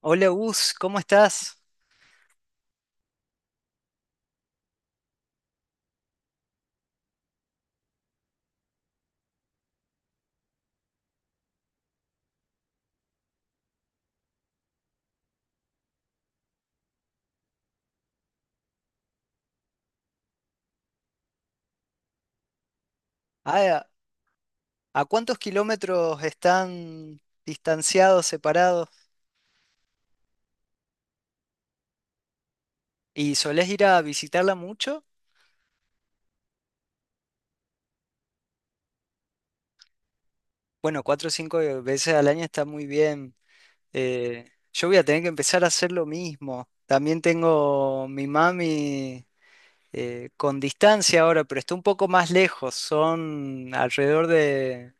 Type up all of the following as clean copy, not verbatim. Hola Gus, ¿cómo estás? Ah, ¿a cuántos kilómetros están distanciados, separados? ¿Y solés ir a visitarla mucho? Bueno, cuatro o cinco veces al año está muy bien. Yo voy a tener que empezar a hacer lo mismo. También tengo mi mami con distancia ahora, pero está un poco más lejos. Son alrededor de,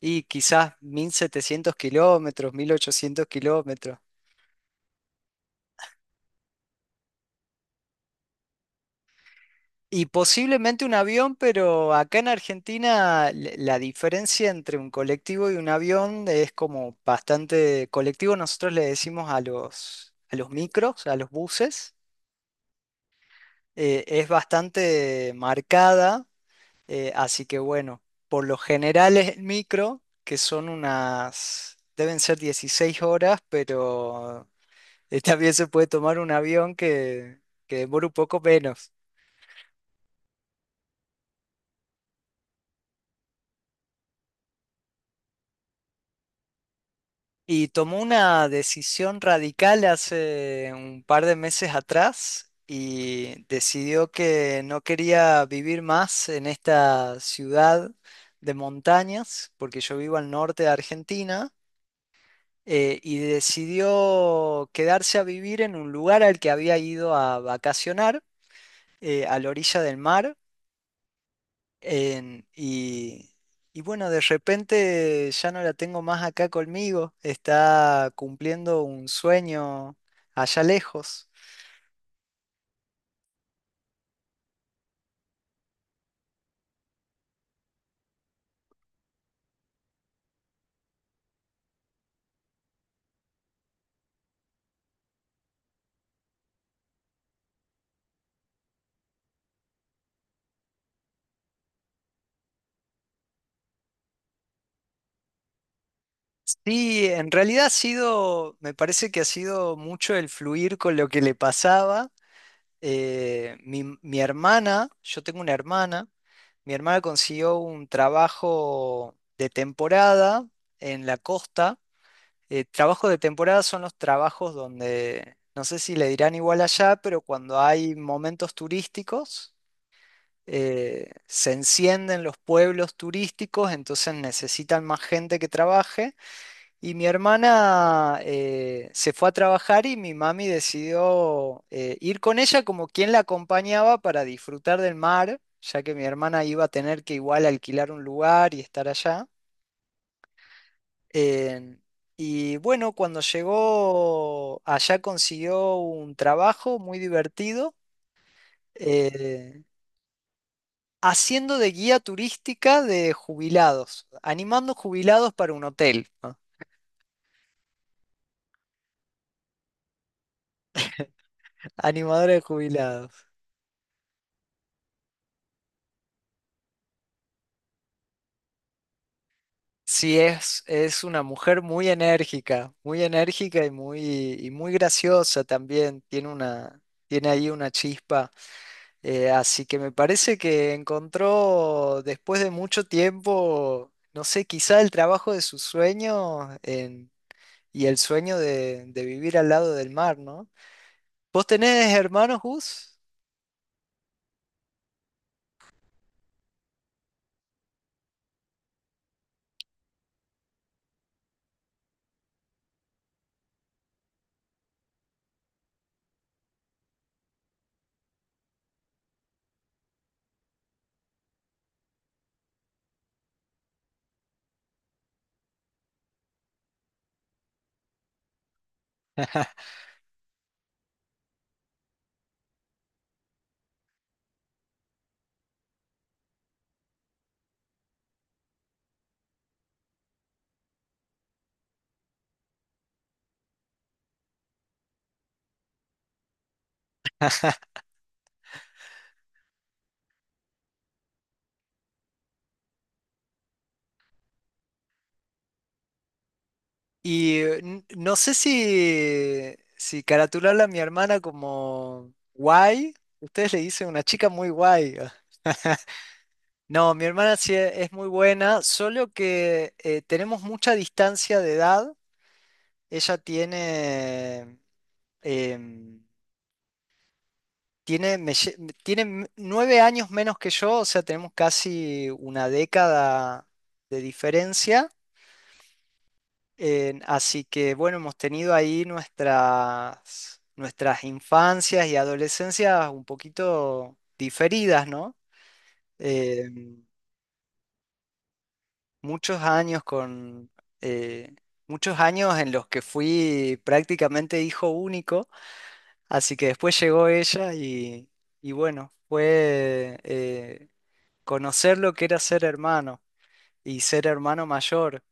y quizás 1.700 kilómetros, 1.800 kilómetros. Y posiblemente un avión, pero acá en Argentina la diferencia entre un colectivo y un avión es como bastante colectivo. Nosotros le decimos a los micros, a los buses, es bastante marcada. Así que bueno, por lo general es el micro, que son unas, deben ser 16 horas, pero también se puede tomar un avión que demora un poco menos. Y tomó una decisión radical hace un par de meses atrás y decidió que no quería vivir más en esta ciudad de montañas, porque yo vivo al norte de Argentina, y decidió quedarse a vivir en un lugar al que había ido a vacacionar, a la orilla del mar. En- y, y bueno, de repente ya no la tengo más acá conmigo, está cumpliendo un sueño allá lejos. Sí, en realidad ha sido, me parece que ha sido mucho el fluir con lo que le pasaba. Mi hermana, yo tengo una hermana, mi hermana consiguió un trabajo de temporada en la costa. Trabajo de temporada son los trabajos donde, no sé si le dirán igual allá, pero cuando hay momentos turísticos, se encienden los pueblos turísticos, entonces necesitan más gente que trabaje. Y mi hermana se fue a trabajar y mi mami decidió ir con ella como quien la acompañaba para disfrutar del mar, ya que mi hermana iba a tener que igual alquilar un lugar y estar allá. En- y bueno, cuando llegó allá consiguió un trabajo muy divertido, eh, haciendo de guía turística de jubilados, animando jubilados para un hotel, ¿no? Animadora de jubilados. Sí, es una mujer muy enérgica y muy graciosa también. Tiene una, tiene ahí una chispa. Así que me parece que encontró después de mucho tiempo, no sé, quizá el trabajo de sus sueños en- y el sueño de vivir al lado del mar, ¿no? ¿Vos tenés hermanos, Gus? Y no sé si, caratularla a mi hermana como guay, ustedes le dicen una chica muy guay. No, mi hermana sí es muy buena, solo que tenemos mucha distancia de edad. Ella tiene em, tiene, me lle- me- tiene m- 9 años menos que yo, o sea, tenemos casi una década de diferencia. Así que bueno, hemos tenido ahí nuestras, nuestras infancias y adolescencias un poquito diferidas, ¿no? Em, muchos años con... eh, Muchos años en los que fui prácticamente hijo único, así que después llegó ella y bueno, conocer lo que era ser hermano y ser hermano mayor.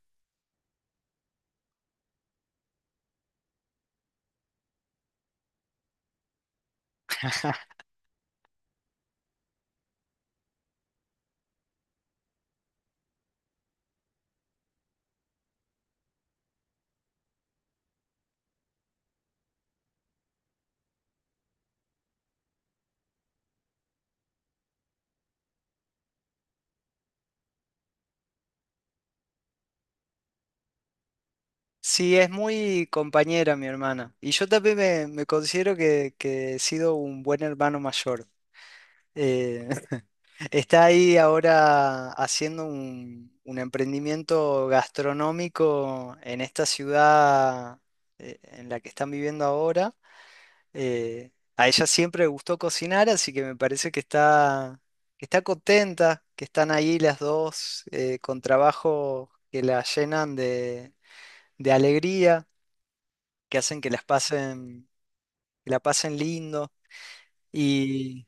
Sí, es muy compañera mi hermana. Y yo también me considero que he sido un buen hermano mayor. Eh, Está ahí ahora haciendo un emprendimiento gastronómico en esta ciudad en la que están viviendo ahora. A ella siempre le gustó cocinar, así que me parece que está contenta, que están ahí las dos con trabajo que la llenan de alegría, que hacen que las pasen, que la pasen lindo. Y,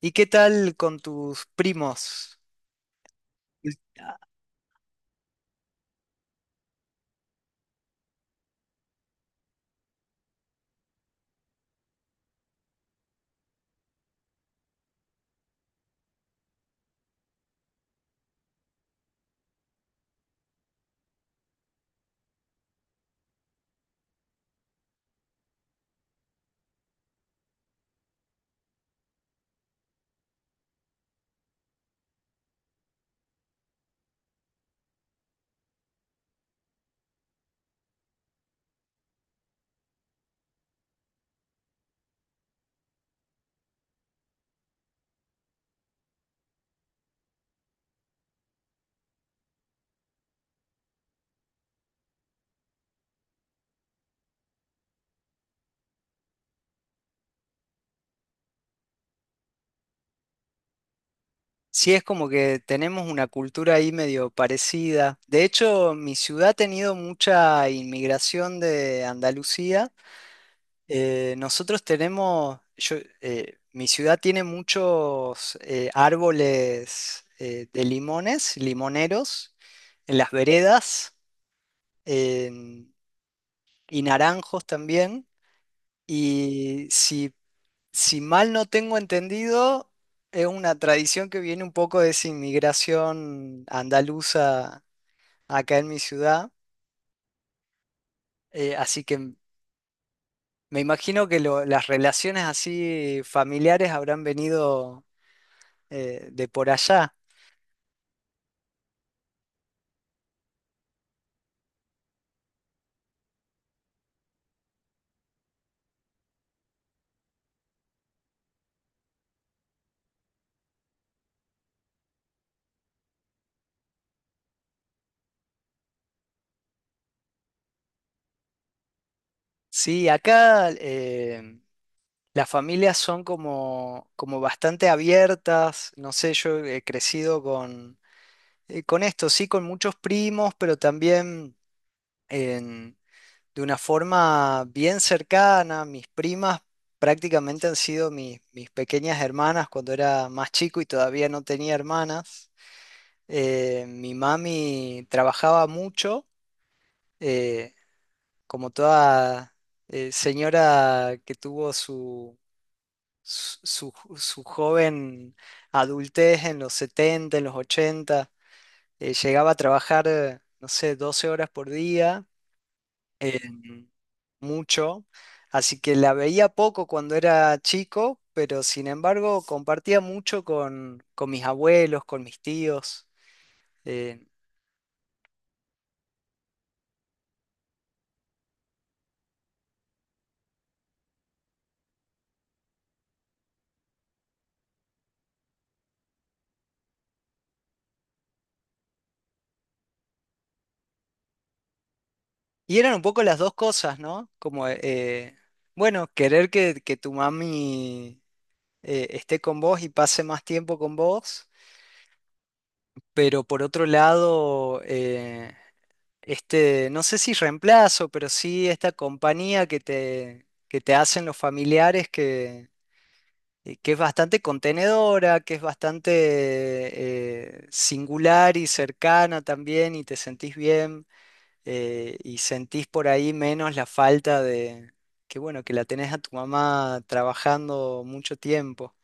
¿y qué tal con tus primos? Sí, es como que tenemos una cultura ahí medio parecida. De hecho, mi ciudad ha tenido mucha inmigración de Andalucía. Nosotros tenemos, yo, mi ciudad tiene muchos árboles de limones, limoneros, en las veredas en- y naranjos también. Y si, si mal no tengo entendido, es una tradición que viene un poco de esa inmigración andaluza acá en mi ciudad. Así que me imagino que las relaciones así familiares habrán venido de por allá. Sí, acá las familias son como bastante abiertas. No sé, yo he crecido con esto, sí, con muchos primos, pero también en- de una forma bien cercana. Mis primas prácticamente han sido mis, mis pequeñas hermanas cuando era más chico y todavía no tenía hermanas. Mi mami trabajaba mucho. eh, Como toda señora que tuvo su joven adultez en los 70 en los 80, llegaba a trabajar, no sé, 12 horas por día, eh, mucho, así que la veía poco cuando era chico, pero sin embargo compartía mucho con mis abuelos, con mis tíos. eh, y eran un poco las dos cosas, ¿no? Como, bueno, querer que, tu mami esté con vos y pase más tiempo con vos. Pero por otro lado, no sé si reemplazo, pero sí esta compañía que te hacen los familiares que es bastante contenedora, que es bastante singular y cercana también y te sentís bien y sentís por ahí menos la falta de, que bueno, que la tenés a tu mamá trabajando mucho tiempo.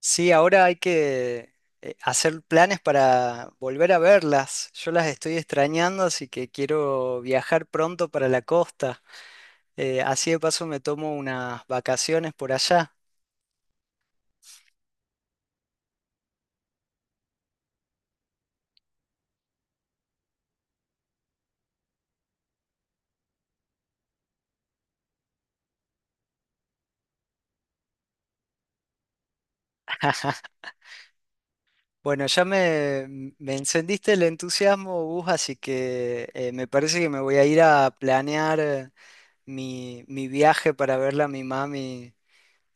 Sí, ahora hay que hacer planes para volver a verlas. Yo las estoy extrañando, así que quiero viajar pronto para la costa. Así de paso me tomo unas vacaciones por allá. Bueno, ya me encendiste el entusiasmo, Gus, así que me parece que me voy a ir a planear mi viaje para verla a mi mami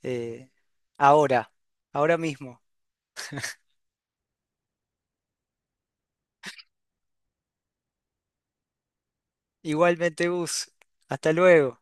eh, ahora, ahora mismo. Igualmente, Gus, hasta luego.